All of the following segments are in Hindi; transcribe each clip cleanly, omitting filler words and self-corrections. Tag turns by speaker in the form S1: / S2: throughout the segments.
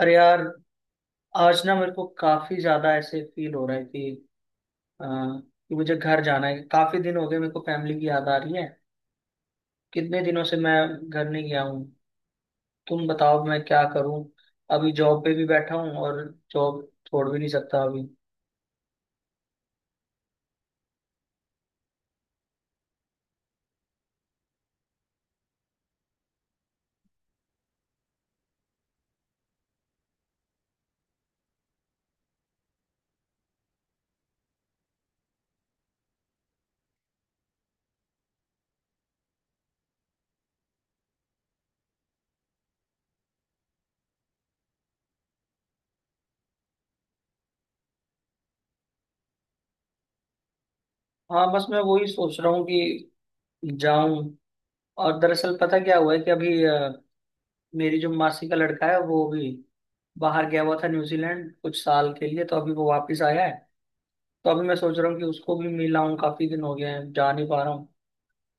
S1: अरे यार, आज ना मेरे को काफी ज्यादा ऐसे फील हो रहा है कि कि मुझे घर जाना है। काफी दिन हो गए, मेरे को फैमिली की याद आ रही है। कितने दिनों से मैं घर नहीं गया हूँ। तुम बताओ मैं क्या करूँ। अभी जॉब पे भी बैठा हूँ और जॉब छोड़ भी नहीं सकता अभी। हाँ, बस मैं वही सोच रहा हूँ कि जाऊं। और दरअसल पता क्या हुआ है कि अभी मेरी जो मासी का लड़का है, वो भी बाहर गया हुआ था न्यूजीलैंड कुछ साल के लिए, तो अभी वो वापस आया है। तो अभी मैं सोच रहा हूँ कि उसको भी मिलाऊँ। काफी दिन हो गए हैं, जा नहीं पा रहा हूँ,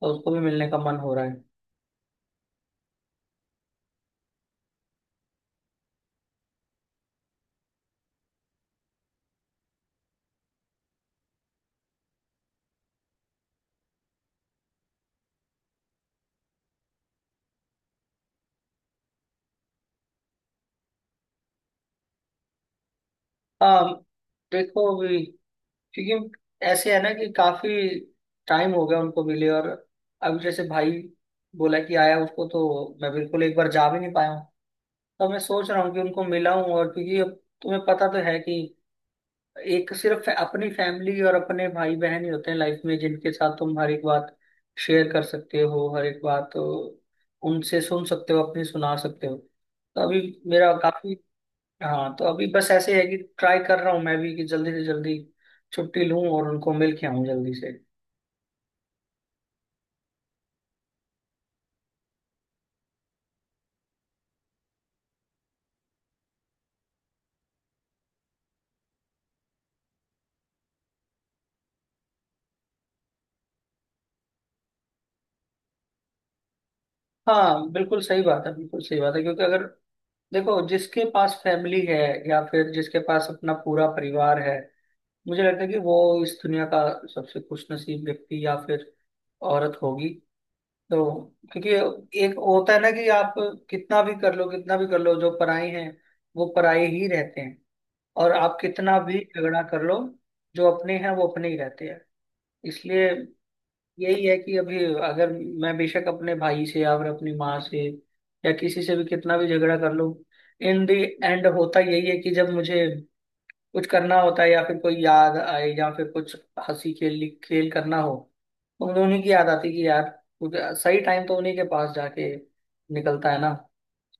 S1: और उसको भी मिलने का मन हो रहा है। हाँ, देखो अभी, क्योंकि ऐसे है ना कि काफी टाइम हो गया उनको मिले। और अभी जैसे भाई बोला कि आया, उसको तो मैं बिल्कुल एक बार जा भी नहीं पाया हूँ। तो मैं सोच रहा हूँ कि उनको मिलाऊं। और क्योंकि अब तुम्हें पता तो है कि एक सिर्फ अपनी फैमिली और अपने भाई बहन ही होते हैं लाइफ में, जिनके साथ तुम हर एक बात शेयर कर सकते हो, हर एक बात उनसे सुन सकते हो, अपनी सुना सकते हो। तो अभी मेरा काफी। हाँ, तो अभी बस ऐसे है कि ट्राई कर रहा हूँ मैं भी कि जल्दी से जल्दी छुट्टी लूँ और उनको मिल के आऊँ जल्दी से। हाँ बिल्कुल सही बात है, बिल्कुल सही बात है। क्योंकि अगर देखो, जिसके पास फैमिली है या फिर जिसके पास अपना पूरा परिवार है, मुझे लगता है कि वो इस दुनिया का सबसे खुशनसीब व्यक्ति या फिर औरत होगी। तो क्योंकि एक होता है ना कि आप कितना भी कर लो, कितना भी कर लो, जो पराई हैं वो पराई ही रहते हैं। और आप कितना भी झगड़ा कर लो, जो अपने हैं वो अपने ही रहते हैं। इसलिए यही है कि अभी अगर मैं बेशक अपने भाई से या फिर अपनी माँ से या किसी से भी कितना भी झगड़ा कर लूं, इन दी एंड होता यही है कि जब मुझे कुछ करना होता है या फिर कोई याद आए या फिर कुछ हंसी खेल खेल करना हो, तो मुझे उन्हीं की याद आती कि यार, कुछ सही टाइम तो उन्हीं के पास जाके निकलता है ना।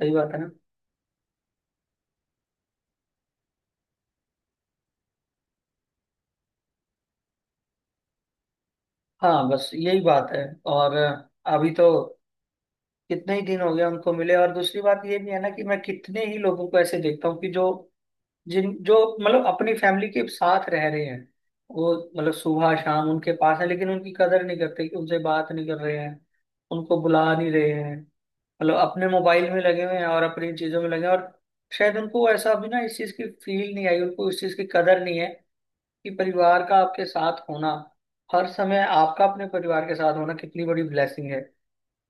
S1: सही बात है ना। हाँ, बस यही बात है। और अभी तो कितने ही दिन हो गए उनको मिले। और दूसरी बात ये भी है ना कि मैं कितने ही लोगों को ऐसे देखता हूँ कि जो, जिन, जो मतलब अपनी फैमिली के साथ रह रहे हैं, वो मतलब सुबह शाम उनके पास है लेकिन उनकी कदर नहीं करते। कि उनसे बात नहीं कर रहे हैं, उनको बुला नहीं रहे हैं, मतलब अपने मोबाइल में लगे हुए हैं और अपनी चीजों में लगे हैं। और शायद उनको ऐसा अभी ना इस चीज की फील नहीं आई, उनको इस चीज की कदर नहीं है कि परिवार का आपके साथ होना, हर समय आपका अपने परिवार के साथ होना कितनी बड़ी ब्लेसिंग है।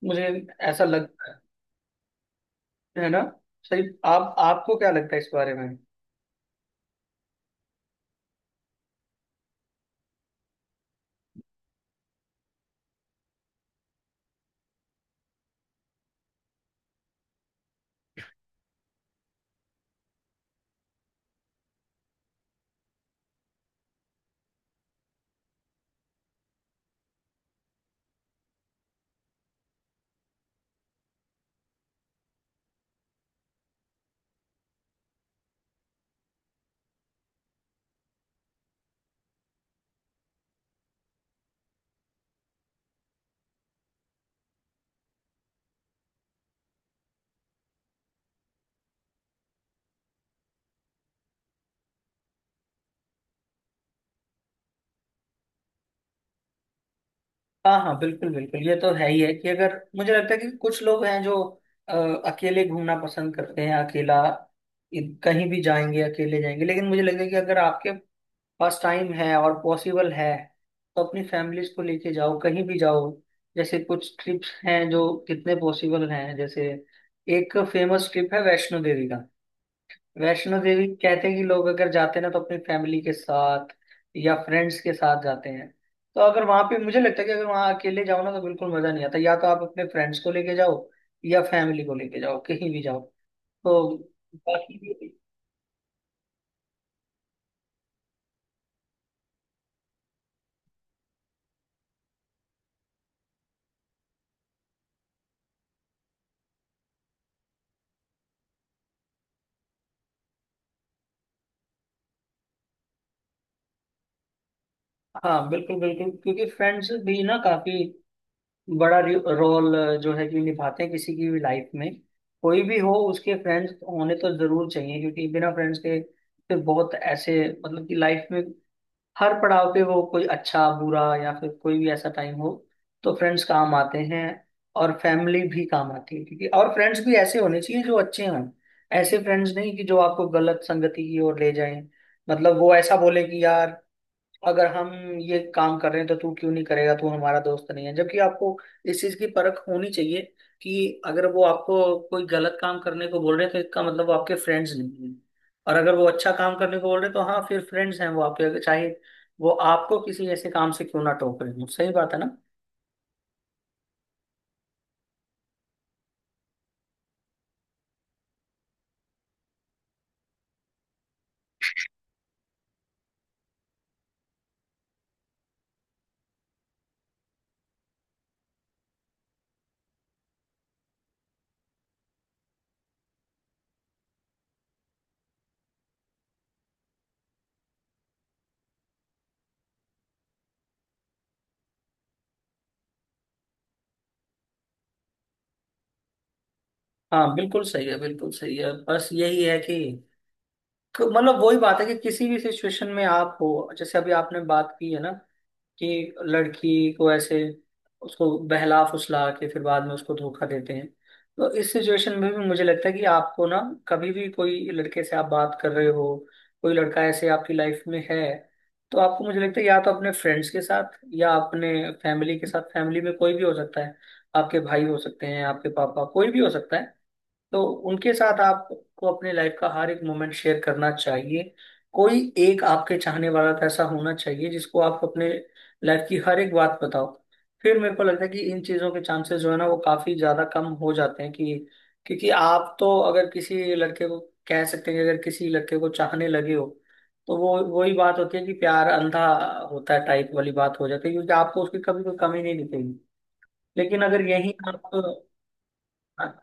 S1: मुझे ऐसा लगता है। है ना सही? आप, आपको क्या लगता है इस बारे में? हाँ हाँ, बिल्कुल बिल्कुल, ये तो है ही है कि अगर, मुझे लगता है कि कुछ लोग हैं जो अ, अकेले घूमना पसंद करते हैं। अकेला कहीं भी जाएंगे अकेले जाएंगे, लेकिन मुझे लगता है कि अगर आपके पास टाइम है और पॉसिबल है, तो अपनी फैमिलीज को लेके जाओ, कहीं भी जाओ। जैसे कुछ ट्रिप्स हैं जो कितने पॉसिबल हैं, जैसे एक फेमस ट्रिप है वैष्णो देवी का। वैष्णो देवी कहते हैं कि लोग अगर जाते हैं ना, तो अपनी फैमिली के साथ या फ्रेंड्स के साथ जाते हैं। तो अगर वहां पे, मुझे लगता है कि अगर वहां अकेले जाओ ना तो बिल्कुल मजा नहीं आता। या तो आप अपने फ्रेंड्स को लेके जाओ या फैमिली को लेके जाओ, कहीं भी जाओ तो। बाकी भी। हाँ बिल्कुल बिल्कुल, क्योंकि फ्रेंड्स भी ना काफी बड़ा रोल जो है कि निभाते हैं किसी की भी लाइफ में। कोई भी हो, उसके फ्रेंड्स होने तो जरूर चाहिए, क्योंकि बिना फ्रेंड्स के फिर बहुत ऐसे, मतलब कि लाइफ में हर पड़ाव पे, वो कोई अच्छा बुरा या फिर कोई भी ऐसा टाइम हो, तो फ्रेंड्स काम आते हैं और फैमिली भी काम आती है। क्योंकि और फ्रेंड्स भी ऐसे होने चाहिए जो अच्छे हों। ऐसे फ्रेंड्स नहीं कि जो आपको गलत संगति की ओर ले जाएं। मतलब वो ऐसा बोले कि यार, अगर हम ये काम कर रहे हैं तो तू क्यों नहीं करेगा, तू हमारा दोस्त नहीं है। जबकि आपको इस चीज की परख होनी चाहिए कि अगर वो आपको कोई गलत काम करने को बोल रहे हैं, तो इसका मतलब वो आपके फ्रेंड्स नहीं हैं। और अगर वो अच्छा काम करने को बोल रहे हैं, तो हाँ फिर फ्रेंड्स हैं वो आपके, चाहे वो आपको किसी ऐसे काम से क्यों ना टोक रहे हो। सही बात है ना। हाँ बिल्कुल सही है, बिल्कुल सही है। बस यही है कि तो, मतलब वही बात है कि किसी भी सिचुएशन में आप हो। जैसे अभी आपने बात की है ना कि लड़की को ऐसे उसको बहला फुसला के फिर बाद में उसको धोखा देते हैं। तो इस सिचुएशन में भी मुझे लगता है कि आपको ना, कभी भी कोई लड़के से आप बात कर रहे हो, कोई लड़का ऐसे आपकी लाइफ में है, तो आपको, मुझे लगता है, या तो अपने फ्रेंड्स के साथ या अपने फैमिली के साथ, फैमिली में कोई भी हो सकता है, आपके भाई हो सकते हैं, आपके पापा, कोई भी हो सकता है। तो उनके साथ आपको अपने लाइफ का हर एक मोमेंट शेयर करना चाहिए। कोई एक आपके चाहने वाला तो ऐसा होना चाहिए जिसको आप अपने लाइफ की हर एक बात बताओ। फिर मेरे को लगता है कि इन चीजों के चांसेस जो है ना वो काफी ज्यादा कम हो जाते हैं। कि क्योंकि आप तो अगर किसी लड़के को, कह सकते हैं कि अगर किसी लड़के को चाहने लगे हो, तो वो वही बात होती है कि प्यार अंधा होता है टाइप वाली बात हो जाती है। क्योंकि आपको उसकी कभी कोई कमी नहीं दिखेगी। लेकिन अगर यही आप।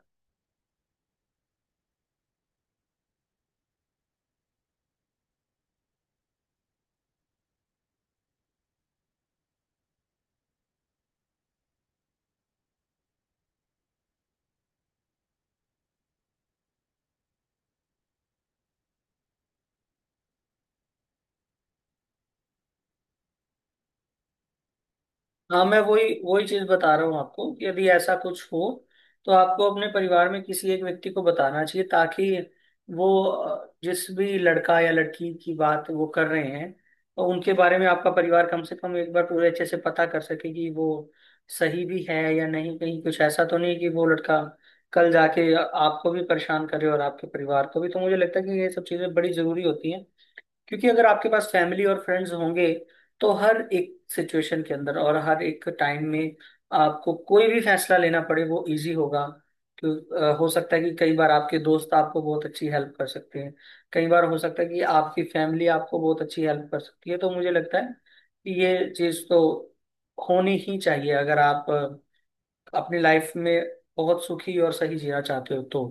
S1: हाँ, मैं वही वही चीज बता रहा हूँ आपको कि यदि ऐसा कुछ हो, तो आपको अपने परिवार में किसी एक व्यक्ति को बताना चाहिए, ताकि वो जिस भी लड़का या लड़की की बात वो कर रहे हैं, तो उनके बारे में आपका परिवार कम से कम एक बार पूरे अच्छे से पता कर सके कि वो सही भी है या नहीं। कहीं कुछ ऐसा तो नहीं कि वो लड़का कल जाके आपको भी परेशान करे और आपके परिवार को भी। तो मुझे लगता है कि ये सब चीजें बड़ी जरूरी होती हैं। क्योंकि अगर आपके पास फैमिली और फ्रेंड्स होंगे, तो हर एक सिचुएशन के अंदर और हर एक टाइम में आपको कोई भी फैसला लेना पड़े, वो इजी होगा। क्यों? हो सकता है कि कई बार आपके दोस्त आपको बहुत अच्छी हेल्प कर सकते हैं, कई बार हो सकता है कि आपकी फैमिली आपको बहुत अच्छी हेल्प कर सकती है। तो मुझे लगता है कि ये चीज़ तो होनी ही चाहिए, अगर आप अपनी लाइफ में बहुत सुखी और सही जीना चाहते हो तो।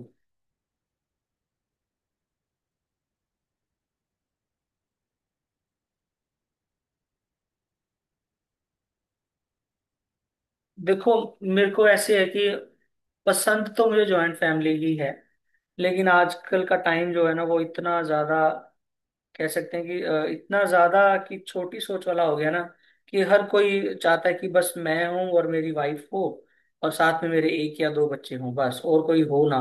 S1: देखो, मेरे को ऐसे है कि पसंद तो मुझे जॉइंट फैमिली ही है। लेकिन आजकल का टाइम जो है ना, वो इतना ज्यादा कह सकते हैं कि इतना ज्यादा कि छोटी सोच वाला हो गया ना, कि हर कोई चाहता है कि बस मैं हूं और मेरी वाइफ हो, और साथ में मेरे एक या दो बच्चे हों, बस और कोई हो ना।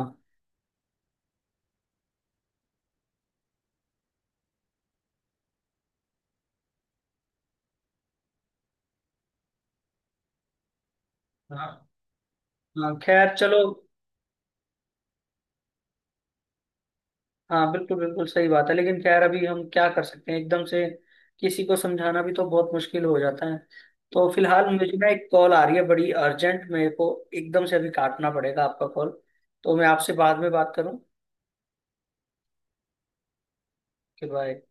S1: हाँ हाँ, खैर चलो। हाँ बिल्कुल बिल्कुल सही बात है, लेकिन खैर अभी हम क्या कर सकते हैं एकदम से। किसी को समझाना भी तो बहुत मुश्किल हो जाता है। तो फिलहाल मुझे ना एक कॉल आ रही है बड़ी अर्जेंट, मेरे को एकदम से अभी काटना पड़ेगा आपका कॉल। तो मैं आपसे बाद में बात करूँ। Okay, bye.